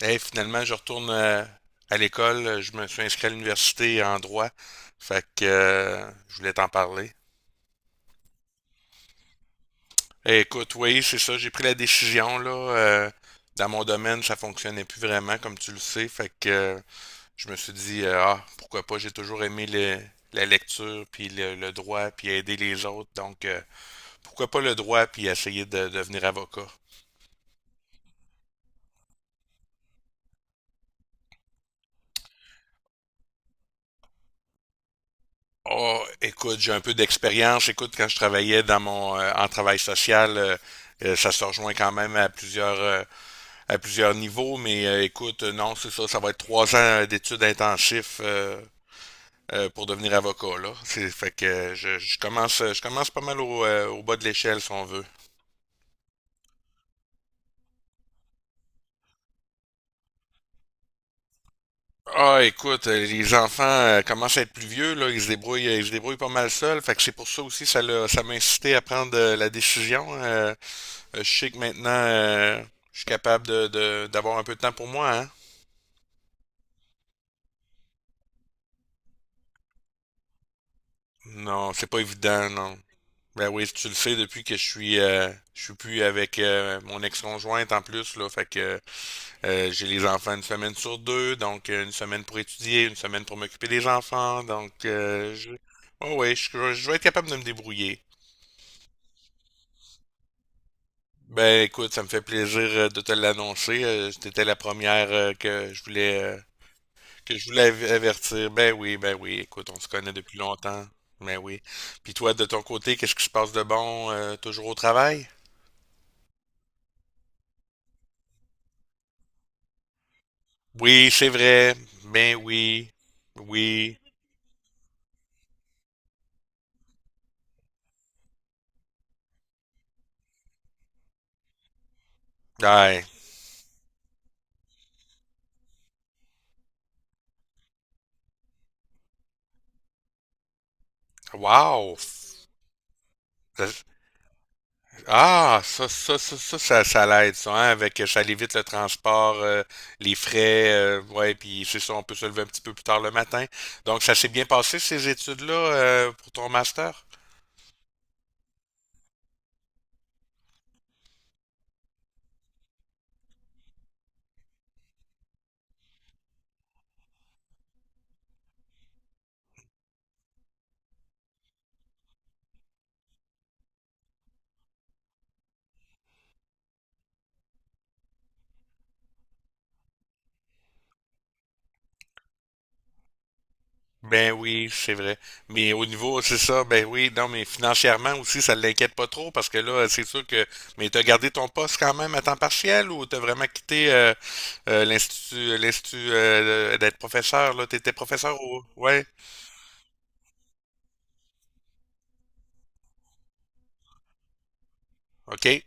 Hey, finalement, je retourne à l'école. Je me suis inscrit à l'université en droit. Fait que je voulais t'en parler. Eh, écoute, oui, c'est ça. J'ai pris la décision, là. Dans mon domaine, ça fonctionnait plus vraiment, comme tu le sais. Fait que je me suis dit, ah, pourquoi pas, j'ai toujours aimé la lecture, puis le droit, puis aider les autres. Donc, pourquoi pas le droit, puis essayer de devenir avocat. Oh, écoute, j'ai un peu d'expérience. Écoute, quand je travaillais dans mon en travail social, ça se rejoint quand même à plusieurs niveaux. Mais écoute, non, c'est ça, ça va être 3 ans d'études intensives pour devenir avocat là. C'est fait que je commence pas mal au, au bas de l'échelle si on veut. Ah, écoute, les enfants commencent à être plus vieux, là, ils se débrouillent pas mal seuls, fait que c'est pour ça aussi ça m'a incité à prendre la décision. Je sais que maintenant, je suis capable d'avoir un peu de temps pour moi, hein? Non, c'est pas évident, non. Ben oui, tu le sais, depuis que je suis plus avec mon ex-conjointe en plus, là, fait que j'ai les enfants une semaine sur deux, donc une semaine pour étudier, une semaine pour m'occuper des enfants, donc je... Oh ouais, je vais être capable de me débrouiller. Ben écoute, ça me fait plaisir de te l'annoncer. T'étais la première que je voulais avertir. Ben oui, ben oui. Écoute, on se connaît depuis longtemps. Ben oui. Puis toi, de ton côté, qu'est-ce qui se passe de bon? Toujours au travail? Oui, c'est vrai. Ben oui. Oui. Ouais. Wow! Ça- Ah, ça l'aide, ça, hein, avec, ça évite le transport, les frais, ouais, puis c'est ça, on peut se lever un petit peu plus tard le matin. Donc, ça s'est bien passé, ces études-là, pour ton master? Ben oui, c'est vrai. Mais au niveau, c'est ça, ben oui, non, mais financièrement aussi, ça l'inquiète pas trop parce que là, c'est sûr que. Mais t'as gardé ton poste quand même à temps partiel ou t'as vraiment quitté l'institut d'être professeur, là? T'étais professeur au. Ouais. OK.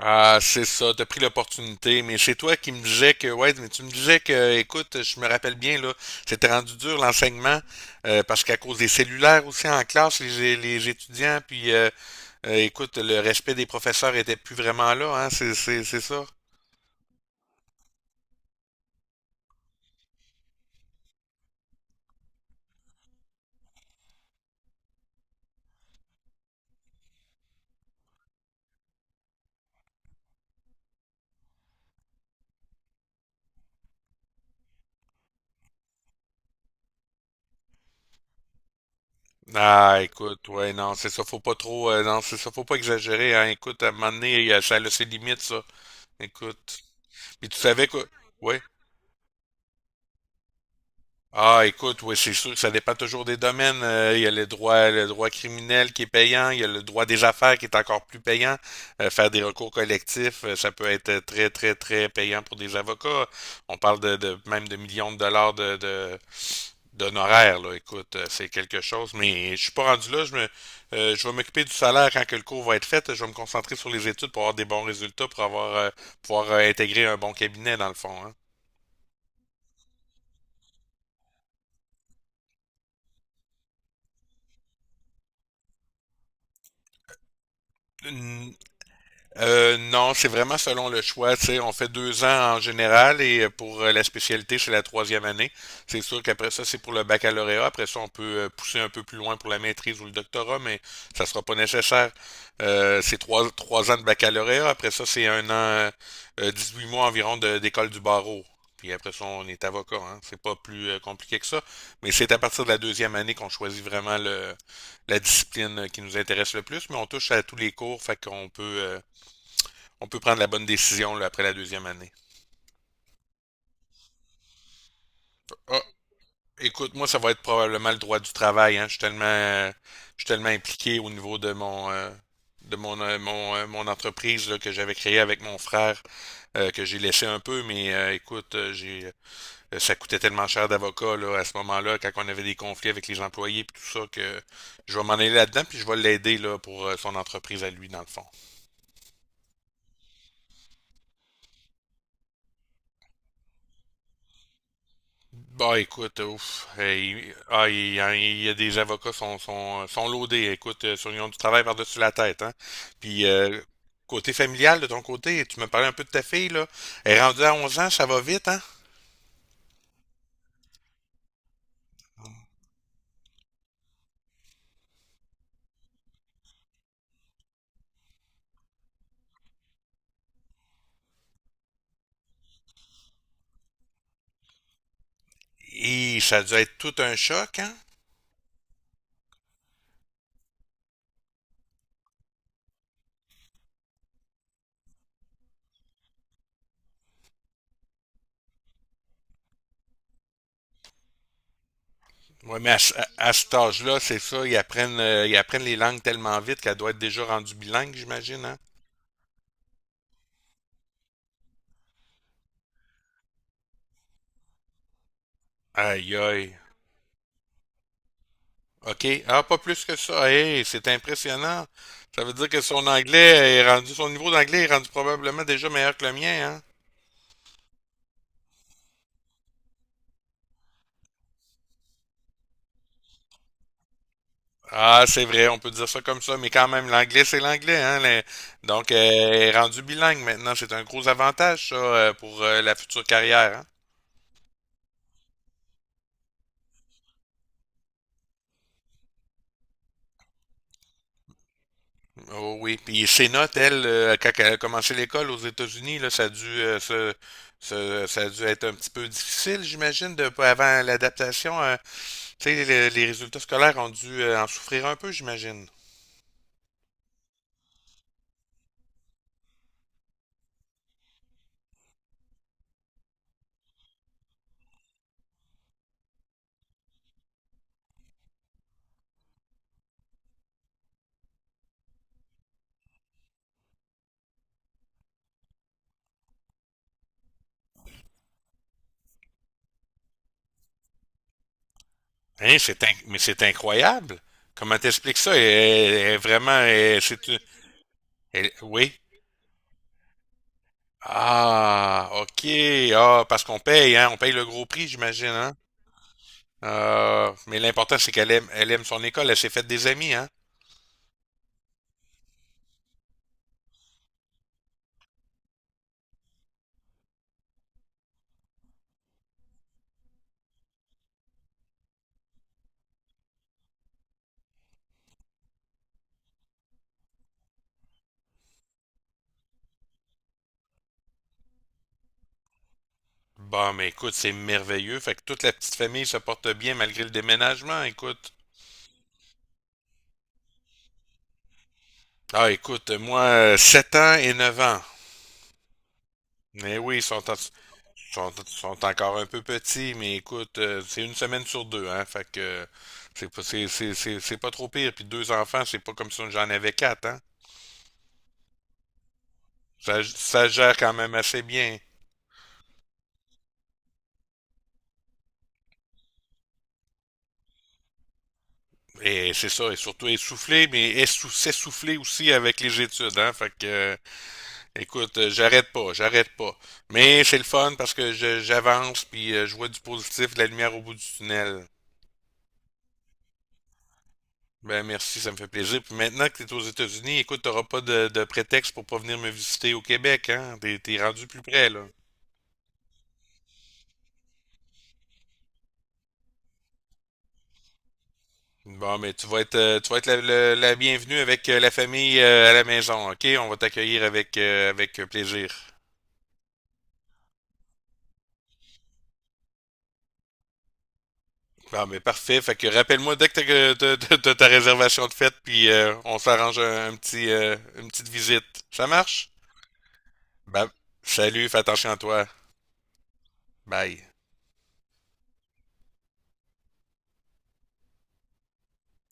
Ah, c'est ça, t'as pris l'opportunité, mais c'est toi qui me disais que, ouais, mais tu me disais que, écoute, je me rappelle bien, là, c'était rendu dur l'enseignement, parce qu'à cause des cellulaires aussi en classe, les étudiants, puis écoute, le respect des professeurs était plus vraiment là, hein, c'est ça. Ah, écoute, ouais, non, c'est ça, faut pas trop, non, c'est ça, faut pas exagérer, hein, écoute, à un moment donné, ça a ses limites, ça, écoute. Puis tu savais que, ouais, ah, écoute, oui, c'est sûr, ça dépend toujours des domaines. Il y a le droit criminel qui est payant, il y a le droit des affaires qui est encore plus payant. Faire des recours collectifs, ça peut être très, très, très payant pour des avocats. On parle de même de millions de dollars de, d'honoraires, là. Écoute, c'est quelque chose, mais je suis pas rendu là. Je vais m'occuper du salaire quand que le cours va être fait. Je vais me concentrer sur les études pour avoir des bons résultats, pour avoir, pouvoir intégrer un bon cabinet, dans le fond, hein. Non, c'est vraiment selon le choix. Tu sais, on fait 2 ans en général et pour la spécialité, c'est la troisième année. C'est sûr qu'après ça, c'est pour le baccalauréat. Après ça, on peut pousser un peu plus loin pour la maîtrise ou le doctorat, mais ça sera pas nécessaire. C'est 3 ans de baccalauréat. Après ça, c'est 1 an, 8 mois environ d'école du barreau. Puis après ça, on est avocat. Hein. C'est pas plus compliqué que ça. Mais c'est à partir de la deuxième année qu'on choisit vraiment la discipline qui nous intéresse le plus. Mais on touche à tous les cours, fait qu'on peut... on peut prendre la bonne décision là, après la deuxième année. Ah, écoute, moi, ça va être probablement le droit du travail. Hein. Je suis tellement impliqué au niveau de mon, mon entreprise là, que j'avais créée avec mon frère, que j'ai laissé un peu, mais écoute, ça coûtait tellement cher d'avocat là, à ce moment-là, quand on avait des conflits avec les employés et tout ça, que je vais m'en aller là-dedans, puis je vais l'aider là, pour son entreprise à lui, dans le fond. Bah écoute, ouf, il y a des avocats sont loadés, écoute, ils ont du travail par-dessus la tête, hein. Puis côté familial de ton côté, tu me parlais un peu de ta fille là, elle est rendue à 11 ans, ça va vite, hein? Et ça doit être tout un choc, hein? Ouais, mais à cet âge-là, c'est ça, ils apprennent les langues tellement vite qu'elle doit être déjà rendue bilingue, j'imagine, hein? Aïe aïe. OK. Ah, pas plus que ça. Hey, c'est impressionnant. Ça veut dire que son anglais est rendu, son niveau d'anglais est rendu probablement déjà meilleur que le mien, hein? Ah, c'est vrai, on peut dire ça comme ça, mais quand même, l'anglais, c'est l'anglais, hein? Donc, elle est rendu bilingue maintenant. C'est un gros avantage, ça, pour la future carrière, hein? Oh oui. Puis ses notes, elle, quand elle a commencé l'école aux États-Unis, là, ça a dû être un petit peu difficile, j'imagine, de, avant l'adaptation. Tu sais, les résultats scolaires ont dû en souffrir un peu, j'imagine. Hein, mais c'est incroyable. Comment t'expliques ça? Elle est vraiment, oui. Ah, ok. Ah, parce qu'on paye, hein. On paye le gros prix, j'imagine, hein. Ah, mais l'important, c'est qu'elle aime, elle aime son école. Elle s'est faite des amis, hein. Bon, mais écoute, c'est merveilleux. Fait que toute la petite famille se porte bien malgré le déménagement, écoute. Ah, écoute, moi, 7 ans et 9 ans. Mais oui, ils sont encore un peu petits, mais écoute, c'est une semaine sur deux, hein. Fait que c'est pas, c'est pas trop pire. Puis deux enfants, c'est pas comme si j'en avais quatre, hein. Ça gère quand même assez bien. Et c'est ça, et surtout essoufflé, mais s'essouffler aussi avec les études, hein. Fait que, écoute, j'arrête pas, j'arrête pas. Mais c'est le fun parce que j'avance, puis je vois du positif, de la lumière au bout du tunnel. Ben merci, ça me fait plaisir. Puis maintenant que tu es aux États-Unis, écoute, t'auras pas de prétexte pour pas venir me visiter au Québec, hein? T'es rendu plus près, là. Bon, mais tu vas être la bienvenue avec la famille à la maison, OK? On va t'accueillir avec, avec plaisir. Bon, mais parfait. Fait que rappelle-moi dès que t'as ta réservation de fête, puis on s'arrange un petit, une petite visite. Ça marche? Ben, salut, fais attention à toi. Bye.